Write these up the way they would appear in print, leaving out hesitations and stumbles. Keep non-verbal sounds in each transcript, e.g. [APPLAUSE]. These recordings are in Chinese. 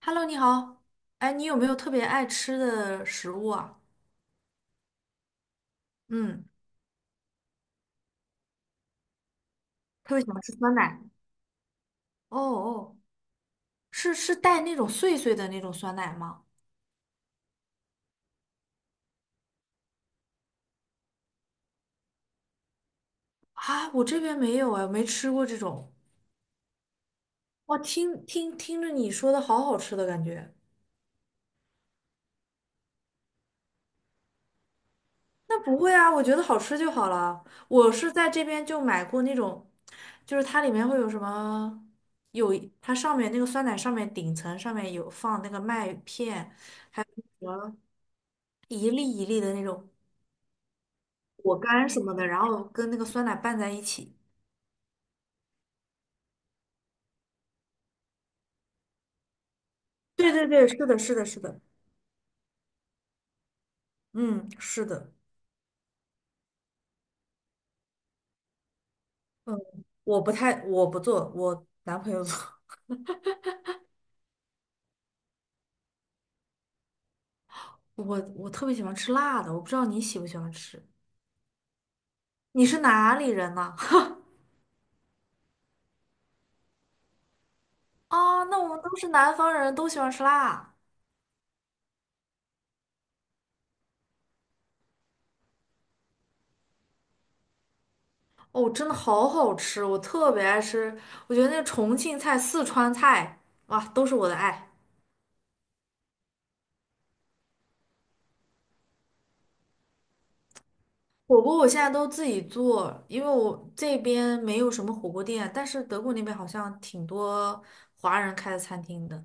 Hello，你好。哎，你有没有特别爱吃的食物啊？嗯，特别喜欢吃酸奶。哦哦，是带那种碎碎的那种酸奶吗？啊，我这边没有哎，没吃过这种。哇，听着你说的好好吃的感觉。那不会啊，我觉得好吃就好了。我是在这边就买过那种，就是它里面会有什么，有它上面那个酸奶上面顶层上面有放那个麦片，还有什么一粒一粒的那种。果干什么的，然后跟那个酸奶拌在一起。对对对，是的，是的，是的，嗯，是的，嗯，我不太，我不做，我男朋友做。[LAUGHS] 我特别喜欢吃辣的，我不知道你喜不喜欢吃。你是哪里人呢？[LAUGHS] 啊，那我们都是南方人，都喜欢吃辣。哦，真的好好吃，我特别爱吃。我觉得那重庆菜、四川菜，哇，都是我的爱。火锅我现在都自己做，因为我这边没有什么火锅店，但是德国那边好像挺多华人开的餐厅的。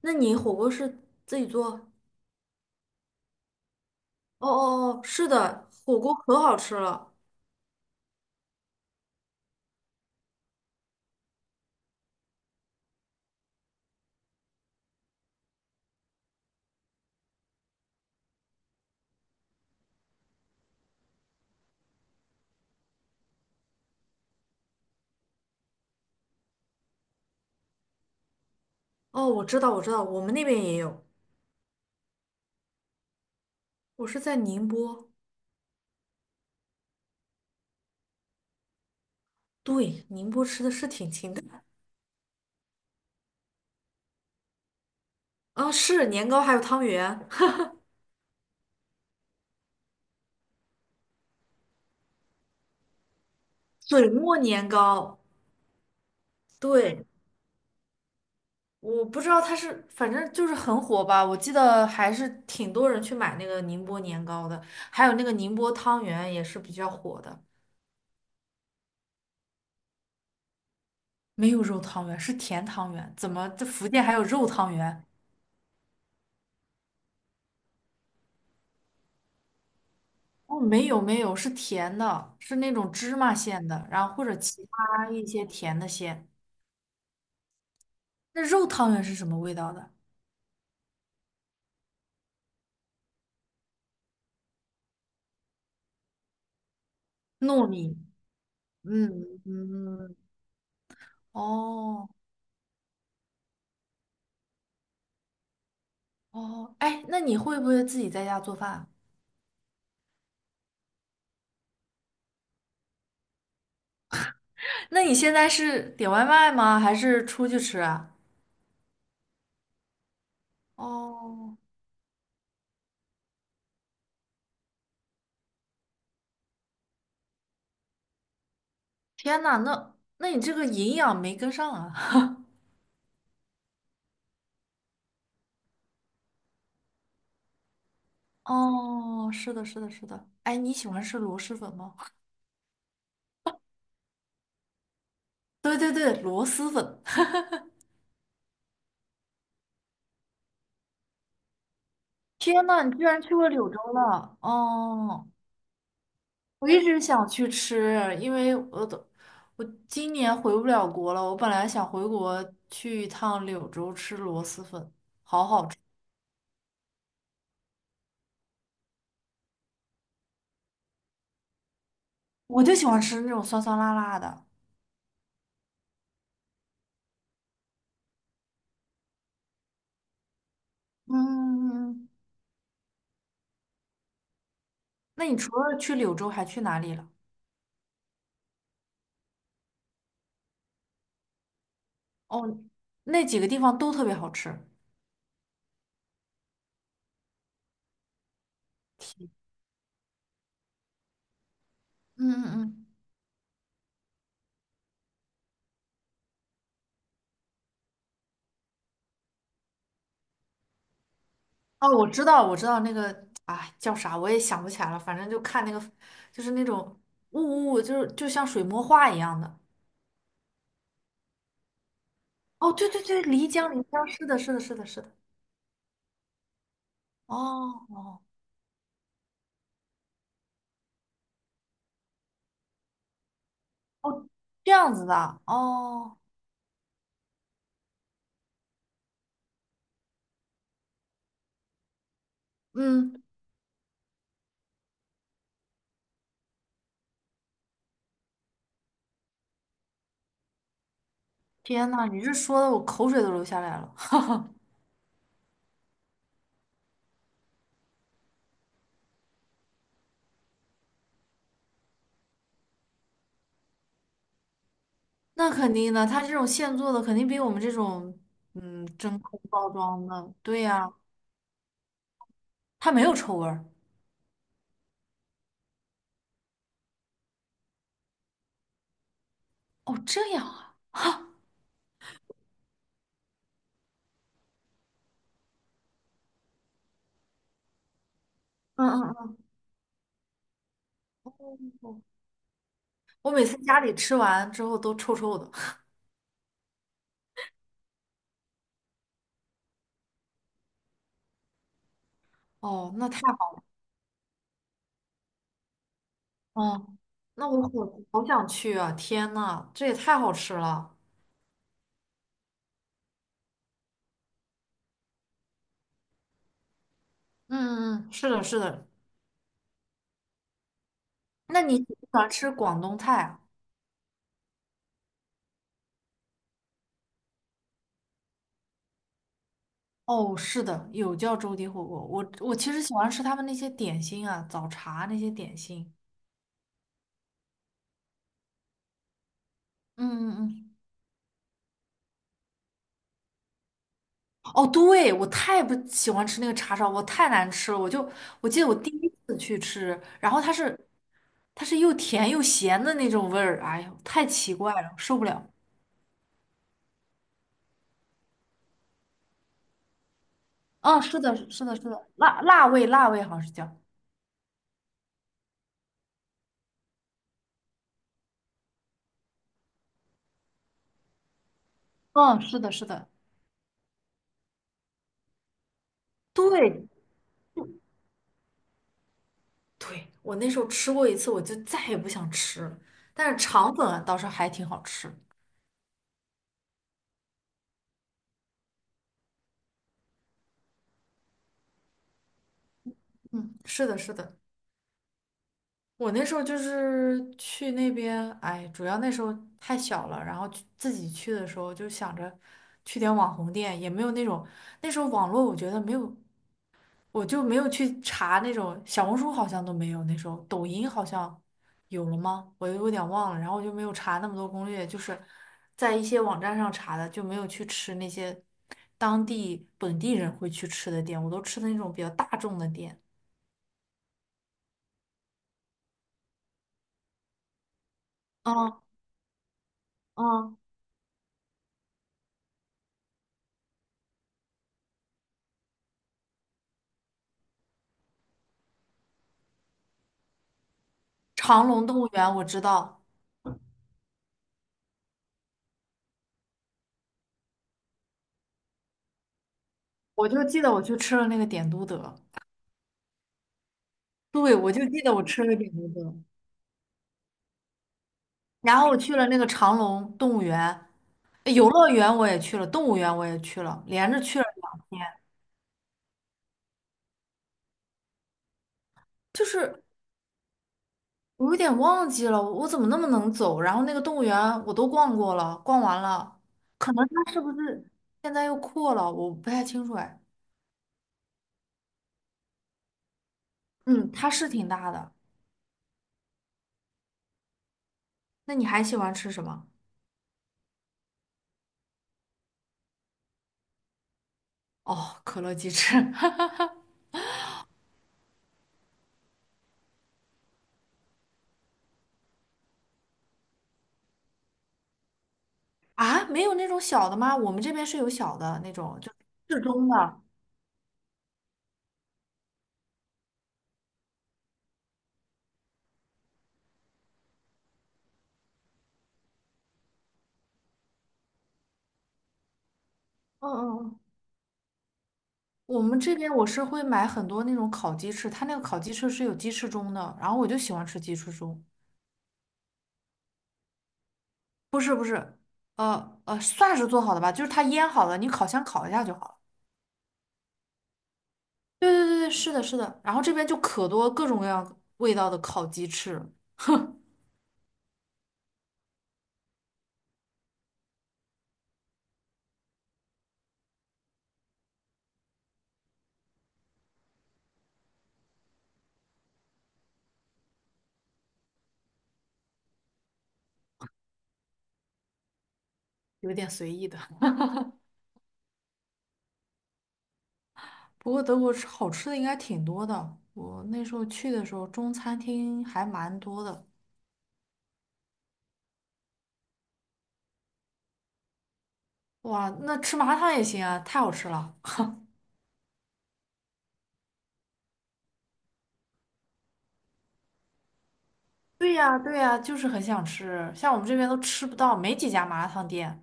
那你火锅是自己做？哦哦哦，是的，火锅可好吃了。哦，我知道，我知道，我们那边也有。我是在宁波，对，宁波吃的是挺清淡的。啊，是年糕还有汤圆，水磨年糕，对。我不知道它是，反正就是很火吧。我记得还是挺多人去买那个宁波年糕的，还有那个宁波汤圆也是比较火的。没有肉汤圆，是甜汤圆。怎么这福建还有肉汤圆？哦，没有没有，是甜的，是那种芝麻馅的，然后或者其他一些甜的馅。那肉汤圆是什么味道的？糯米。嗯嗯，哦哦，哎，那你会不会自己在家做饭啊？那你现在是点外卖吗？还是出去吃啊？哦，天呐，那你这个营养没跟上啊！[LAUGHS] 哦，是的，是的，是的。哎，你喜欢吃螺蛳粉吗？对对对，螺蛳粉。[LAUGHS] 天呐，你居然去过柳州了！哦，我一直想去吃，因为我都我今年回不了国了。我本来想回国去一趟柳州吃螺蛳粉，我就喜欢吃那种酸酸辣辣的。嗯。嗯，那你除了去柳州，还去哪里了？哦，那几个地方都特别好吃。天嗯嗯嗯，哦，我知道，我知道那个，哎，叫啥我也想不起来了。反正就看那个，就是那种雾雾，就是就像水墨画一样的。哦，对对对，漓江，漓江，是的，是的，是的，是的。哦哦，这样子的。哦，嗯，天呐，你这说的我口水都流下来了。[LAUGHS] 那肯定的，它这种现做的肯定比我们这种嗯真空包装的，对呀、它没有臭味儿。哦，这样啊！嗯嗯嗯，哦，我每次家里吃完之后都臭臭的。哦，那太好了。嗯，那我好好想去啊！天呐，这也太好吃了。嗯嗯嗯，是的，是的。那你喜不喜欢吃广东菜啊？哦，是的，有叫粥底火锅。我我其实喜欢吃他们那些点心啊，早茶那些点心。嗯嗯嗯。哦，对，我太不喜欢吃那个叉烧我太难吃了。我就我记得我第一次去吃，然后它是。它是又甜又咸的那种味儿，哎呦，太奇怪了，受不了。嗯，是的，是的，是的，辣味，辣味好像是叫。嗯，是的，是的，对，对，我那时候吃过一次，我就再也不想吃了。但是肠粉啊倒是还挺好吃。嗯，是的，是的，我那时候就是去那边，哎，主要那时候太小了，然后去自己去的时候就想着去点网红店，也没有那种那时候网络我觉得没有我就没有去查那种小红书好像都没有那时候抖音好像有了吗？我有点忘了，然后我就没有查那么多攻略，就是在一些网站上查的，就没有去吃那些当地本地人会去吃的店，我都吃的那种比较大众的店。嗯嗯，长隆动物园我知道，我就记得我去吃了那个点都德，对，我就记得我吃了点都德，然后我去了那个长隆动物园，呃游乐园我也去了，动物园我也去了，连着去了。2天。就是我有点忘记了，我怎么那么能走？然后那个动物园我都逛过了，逛完了，可能它是不是现在又扩了？我不太清楚哎。嗯，它是挺大的。那你还喜欢吃什么？哦，可乐鸡翅。 [LAUGHS] 啊，没有那种小的吗？我们这边是有小的那种，就适中的。嗯嗯嗯，我们这边我是会买很多那种烤鸡翅，它那个烤鸡翅是有鸡翅中的，然后我就喜欢吃鸡翅中。不是不是，算是做好的吧，就是它腌好了，你烤箱烤一下就好了。对对对对，是的，是的。然后这边就可多各种各样味道的烤鸡翅了，有点随意的。不过德国吃好吃的应该挺多的，我那时候去的时候中餐厅还蛮多的。哇，那吃麻辣烫也行啊，太好吃了。[LAUGHS] 对呀，对呀，就是很想吃，像我们这边都吃不到，没几家麻辣烫店。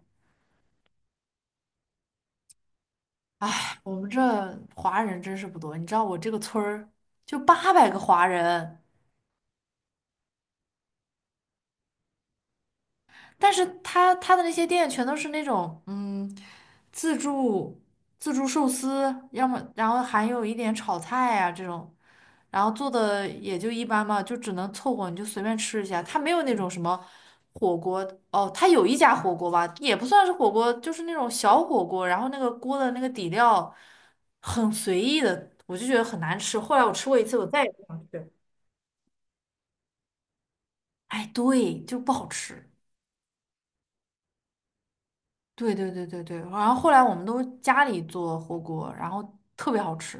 唉，我们这华人真是不多，你知道我这个村儿就800个华人。但是他的那些店全都是那种嗯，自助自助寿司，要么然后还有一点炒菜啊这种，然后做的也就一般嘛，就只能凑合，你就随便吃一下。他没有那种什么火锅哦，他有一家火锅吧，也不算是火锅，就是那种小火锅，然后那个锅的那个底料很随意的，我就觉得很难吃。后来我吃过一次，我再也不想吃。哎，对，就不好吃。对对对对对，然后后来我们都家里做火锅，然后特别好吃。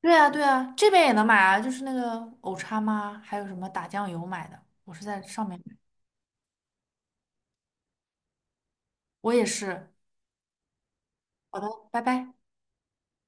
对啊对啊，这边也能买啊，就是那个藕叉妈，还有什么打酱油买的，我是在上面买。我也是。好的，拜拜。